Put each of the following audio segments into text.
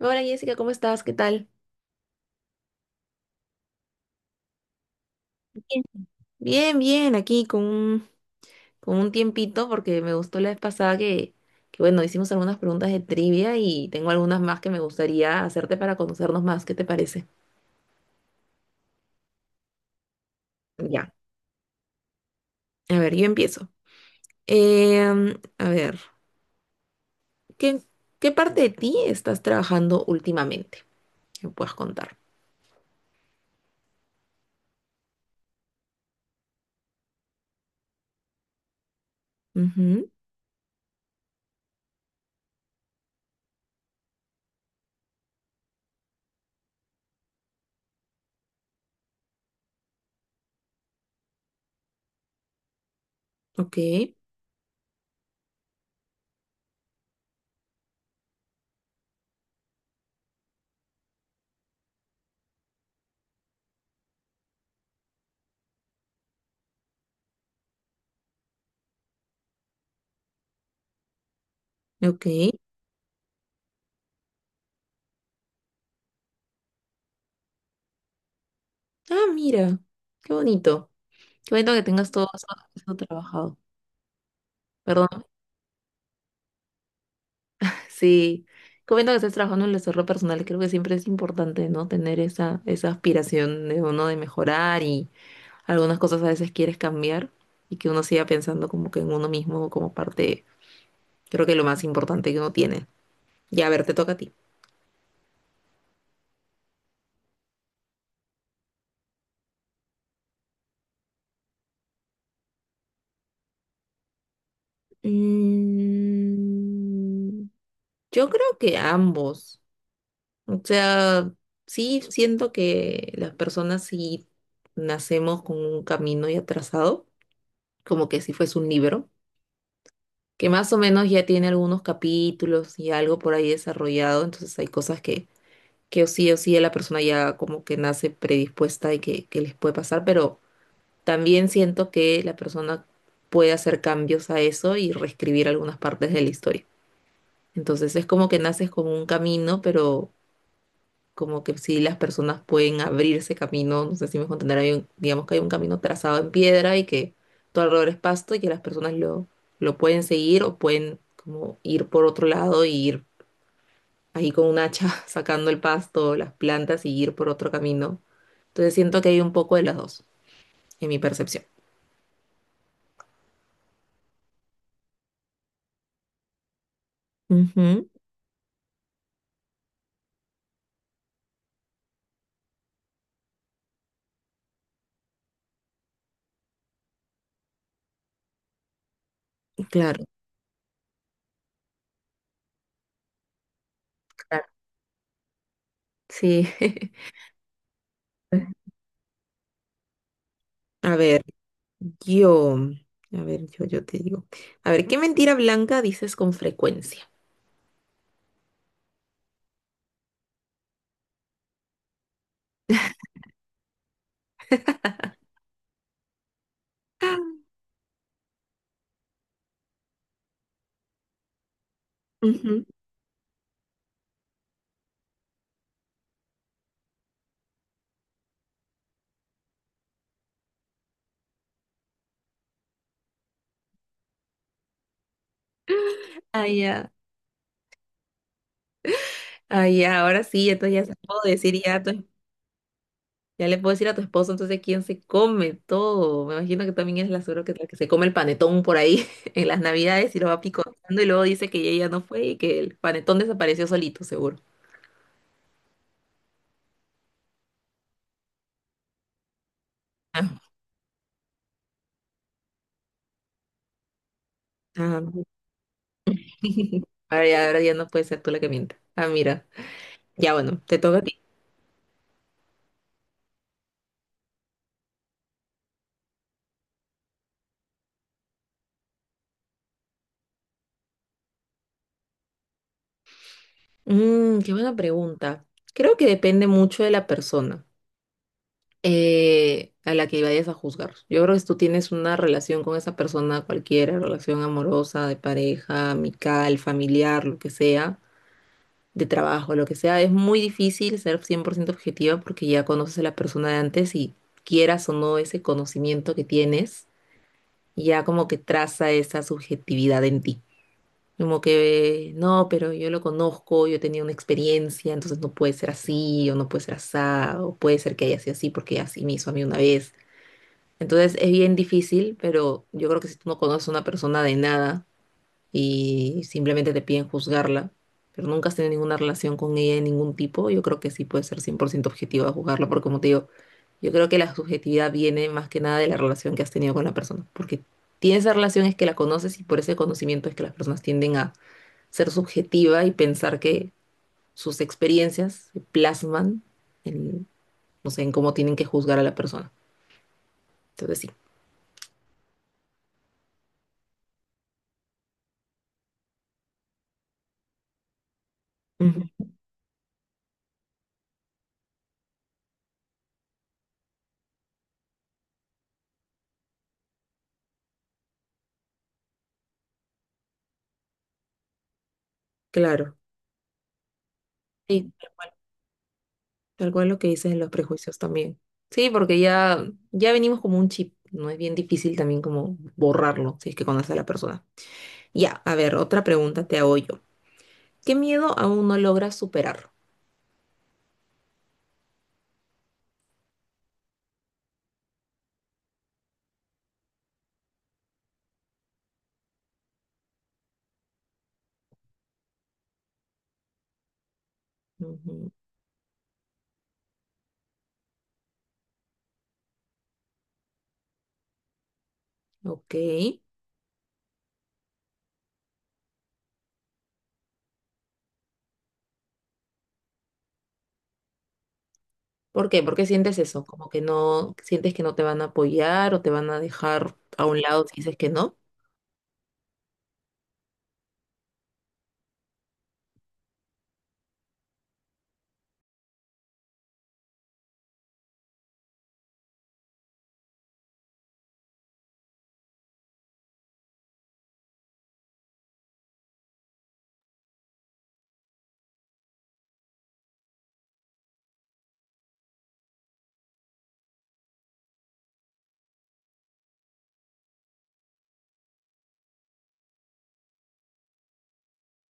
Hola Jessica, ¿cómo estás? ¿Qué tal? Bien. Bien, bien, aquí con un tiempito porque me gustó la vez pasada que, bueno, hicimos algunas preguntas de trivia y tengo algunas más que me gustaría hacerte para conocernos más. ¿Qué te parece? Ya, a ver, yo empiezo. Em, a ver, ¿qué, qué parte de ti estás trabajando últimamente? Que me puedas contar. Ujú, ok, ok. Ah, mira, qué bonito. Qué bonito que tengas todo eso, eso trabajado. Perdón. Sí, comiendo que estás trabajando en el desarrollo personal, creo que siempre es importante, ¿no? Tener esa aspiración de uno de mejorar y algunas cosas a veces quieres cambiar y que uno siga pensando como que en uno mismo como parte, creo que lo más importante que uno tiene. Ya, a ver, te toca a ti. Mm, yo creo que ambos. O sea, sí siento que las personas sí nacemos con un camino ya trazado, como que si fuese un libro, que más o menos ya tiene algunos capítulos y algo por ahí desarrollado. Entonces hay cosas que o sí la persona ya como que nace predispuesta y que les puede pasar, pero también siento que la persona puede hacer cambios a eso y reescribir algunas partes de la historia. Entonces es como que naces con un camino, pero como que si las personas pueden abrirse camino, no sé si me dejo entender, digamos que hay un camino trazado en piedra y que todo alrededor es pasto y que las personas lo pueden seguir o pueden como ir por otro lado y ir ahí con un hacha sacando el pasto, las plantas y ir por otro camino. Entonces siento que hay un poco de las dos, en mi percepción. Ujú. Claro, claro. Sí. A ver, yo, yo te digo. A ver, ¿qué mentira blanca dices con frecuencia? Ah, ya. Ah, ya, ahora sí, entonces ya se lo puedo decir ya ya le puedo decir a tu esposo entonces quién se come todo. Me imagino que también es la suegra que, la que se come el panetón por ahí en las navidades y lo va picoteando y luego dice que ella no fue y que el panetón desapareció solito, seguro. Ah, ah. Ahora ya no puede ser tú la que mienta. Ah, mira. Ya, bueno, te toca a ti. Mm, qué buena pregunta. Creo que depende mucho de la persona, a la que vayas a juzgar. Yo creo que si tú tienes una relación con esa persona, cualquiera, relación amorosa, de pareja, amical, familiar, lo que sea, de trabajo, lo que sea, es muy difícil ser 100% objetiva porque ya conoces a la persona de antes y, quieras o no, ese conocimiento que tienes ya como que traza esa subjetividad en ti. Como que, no, pero yo lo conozco, yo tenía una experiencia, entonces no puede ser así, o no puede ser así, o puede ser que haya sido así porque así me hizo a mí una vez. Entonces es bien difícil, pero yo creo que si tú no conoces a una persona de nada y simplemente te piden juzgarla, pero nunca has tenido ninguna relación con ella de ningún tipo, yo creo que sí puede ser 100% objetiva juzgarla, porque como te digo, yo creo que la subjetividad viene más que nada de la relación que has tenido con la persona, porque tienes esa relación, es que la conoces y por ese conocimiento es que las personas tienden a ser subjetiva y pensar que sus experiencias se plasman en, no sé, en cómo tienen que juzgar a la persona. Entonces sí. Ujú. Claro. Sí, tal cual lo que dices de los prejuicios también. Sí, porque ya venimos como un chip, ¿no? Es bien difícil también como borrarlo, si es que conoces a la persona. Ya, a ver, otra pregunta te hago yo. ¿Qué miedo aún no logras superar? Ujú. Ok. ¿Por qué? ¿Por qué sientes eso? Como que no, sientes que no te van a apoyar o te van a dejar a un lado si dices que no.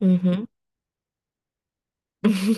Ujú.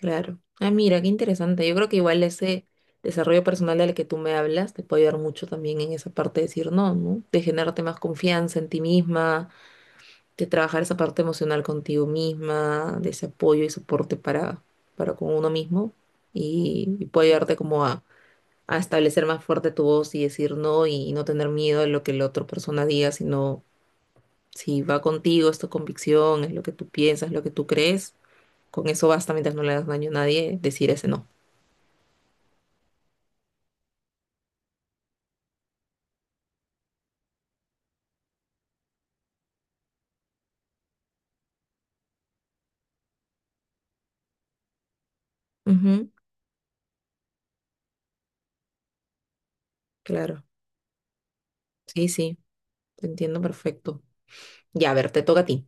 Claro. Ah, mira, qué interesante. Yo creo que igual ese desarrollo personal del que tú me hablas te puede ayudar mucho también en esa parte de decir no, ¿no? De generarte más confianza en ti misma, de trabajar esa parte emocional contigo misma, de ese apoyo y soporte para con uno mismo. Y puede ayudarte como a establecer más fuerte tu voz y decir no y no tener miedo de lo que la otra persona diga, sino, si va contigo, es tu convicción, es lo que tú piensas, lo que tú crees, con eso basta mientras no le das daño a nadie, decir ese no. Ujú. Claro, sí, sí, te entiendo perfecto. Ya, a ver, te toca a ti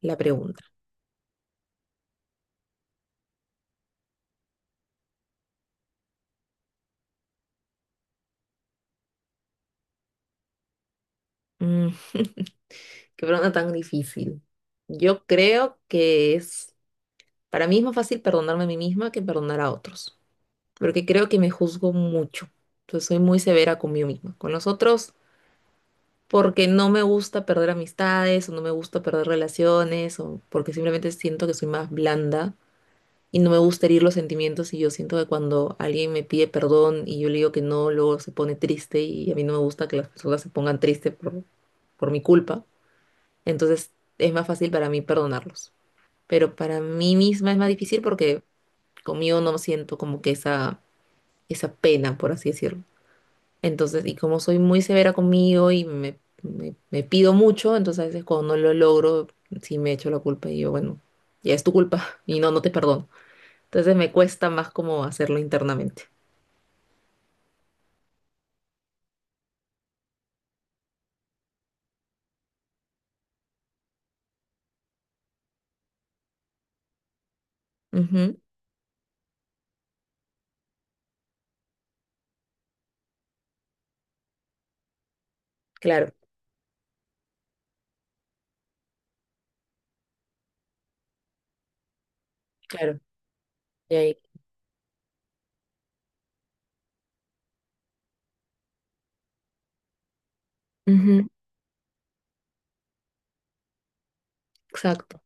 la pregunta. Mm, qué pregunta tan difícil. Yo creo que es, para mí es más fácil perdonarme a mí misma que perdonar a otros, porque creo que me juzgo mucho. Entonces soy muy severa conmigo misma, con los otros, porque no me gusta perder amistades o no me gusta perder relaciones o porque simplemente siento que soy más blanda y no me gusta herir los sentimientos y yo siento que cuando alguien me pide perdón y yo le digo que no, luego se pone triste y a mí no me gusta que las personas se pongan tristes por mi culpa. Entonces es más fácil para mí perdonarlos. Pero para mí misma es más difícil porque conmigo no siento como que esa pena, por así decirlo. Entonces, y como soy muy severa conmigo y me pido mucho, entonces a veces cuando no lo logro, sí me echo la culpa y yo, bueno, ya es tu culpa y no, no te perdono. Entonces me cuesta más como hacerlo internamente. Ujú. Claro, claro. Y ahí. Ujú. Exacto.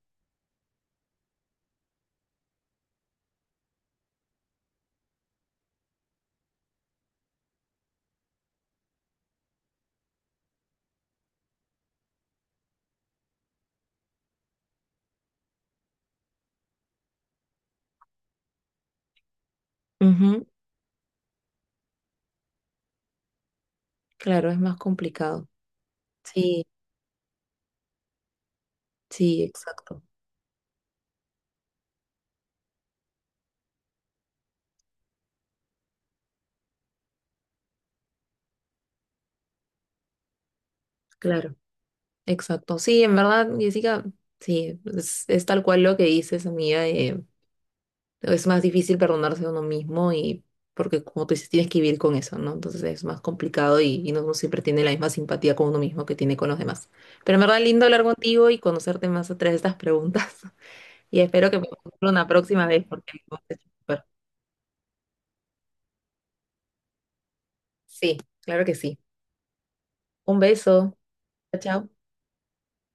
Ujú. Claro, es más complicado. Sí, sí, exacto. Claro, exacto. Sí, en verdad, Jessica, sí, es tal cual lo que dices, amiga. Eh, es más difícil perdonarse a uno mismo y porque, como tú dices, tienes que vivir con eso, ¿no? Entonces es más complicado y no uno siempre tiene la misma simpatía con uno mismo que tiene con los demás. Pero en verdad, lindo hablar contigo y conocerte más a través de estas preguntas. Y espero que me encuentre una próxima vez porque me gusta súper. Sí, claro que sí. Un beso. Chao, chao.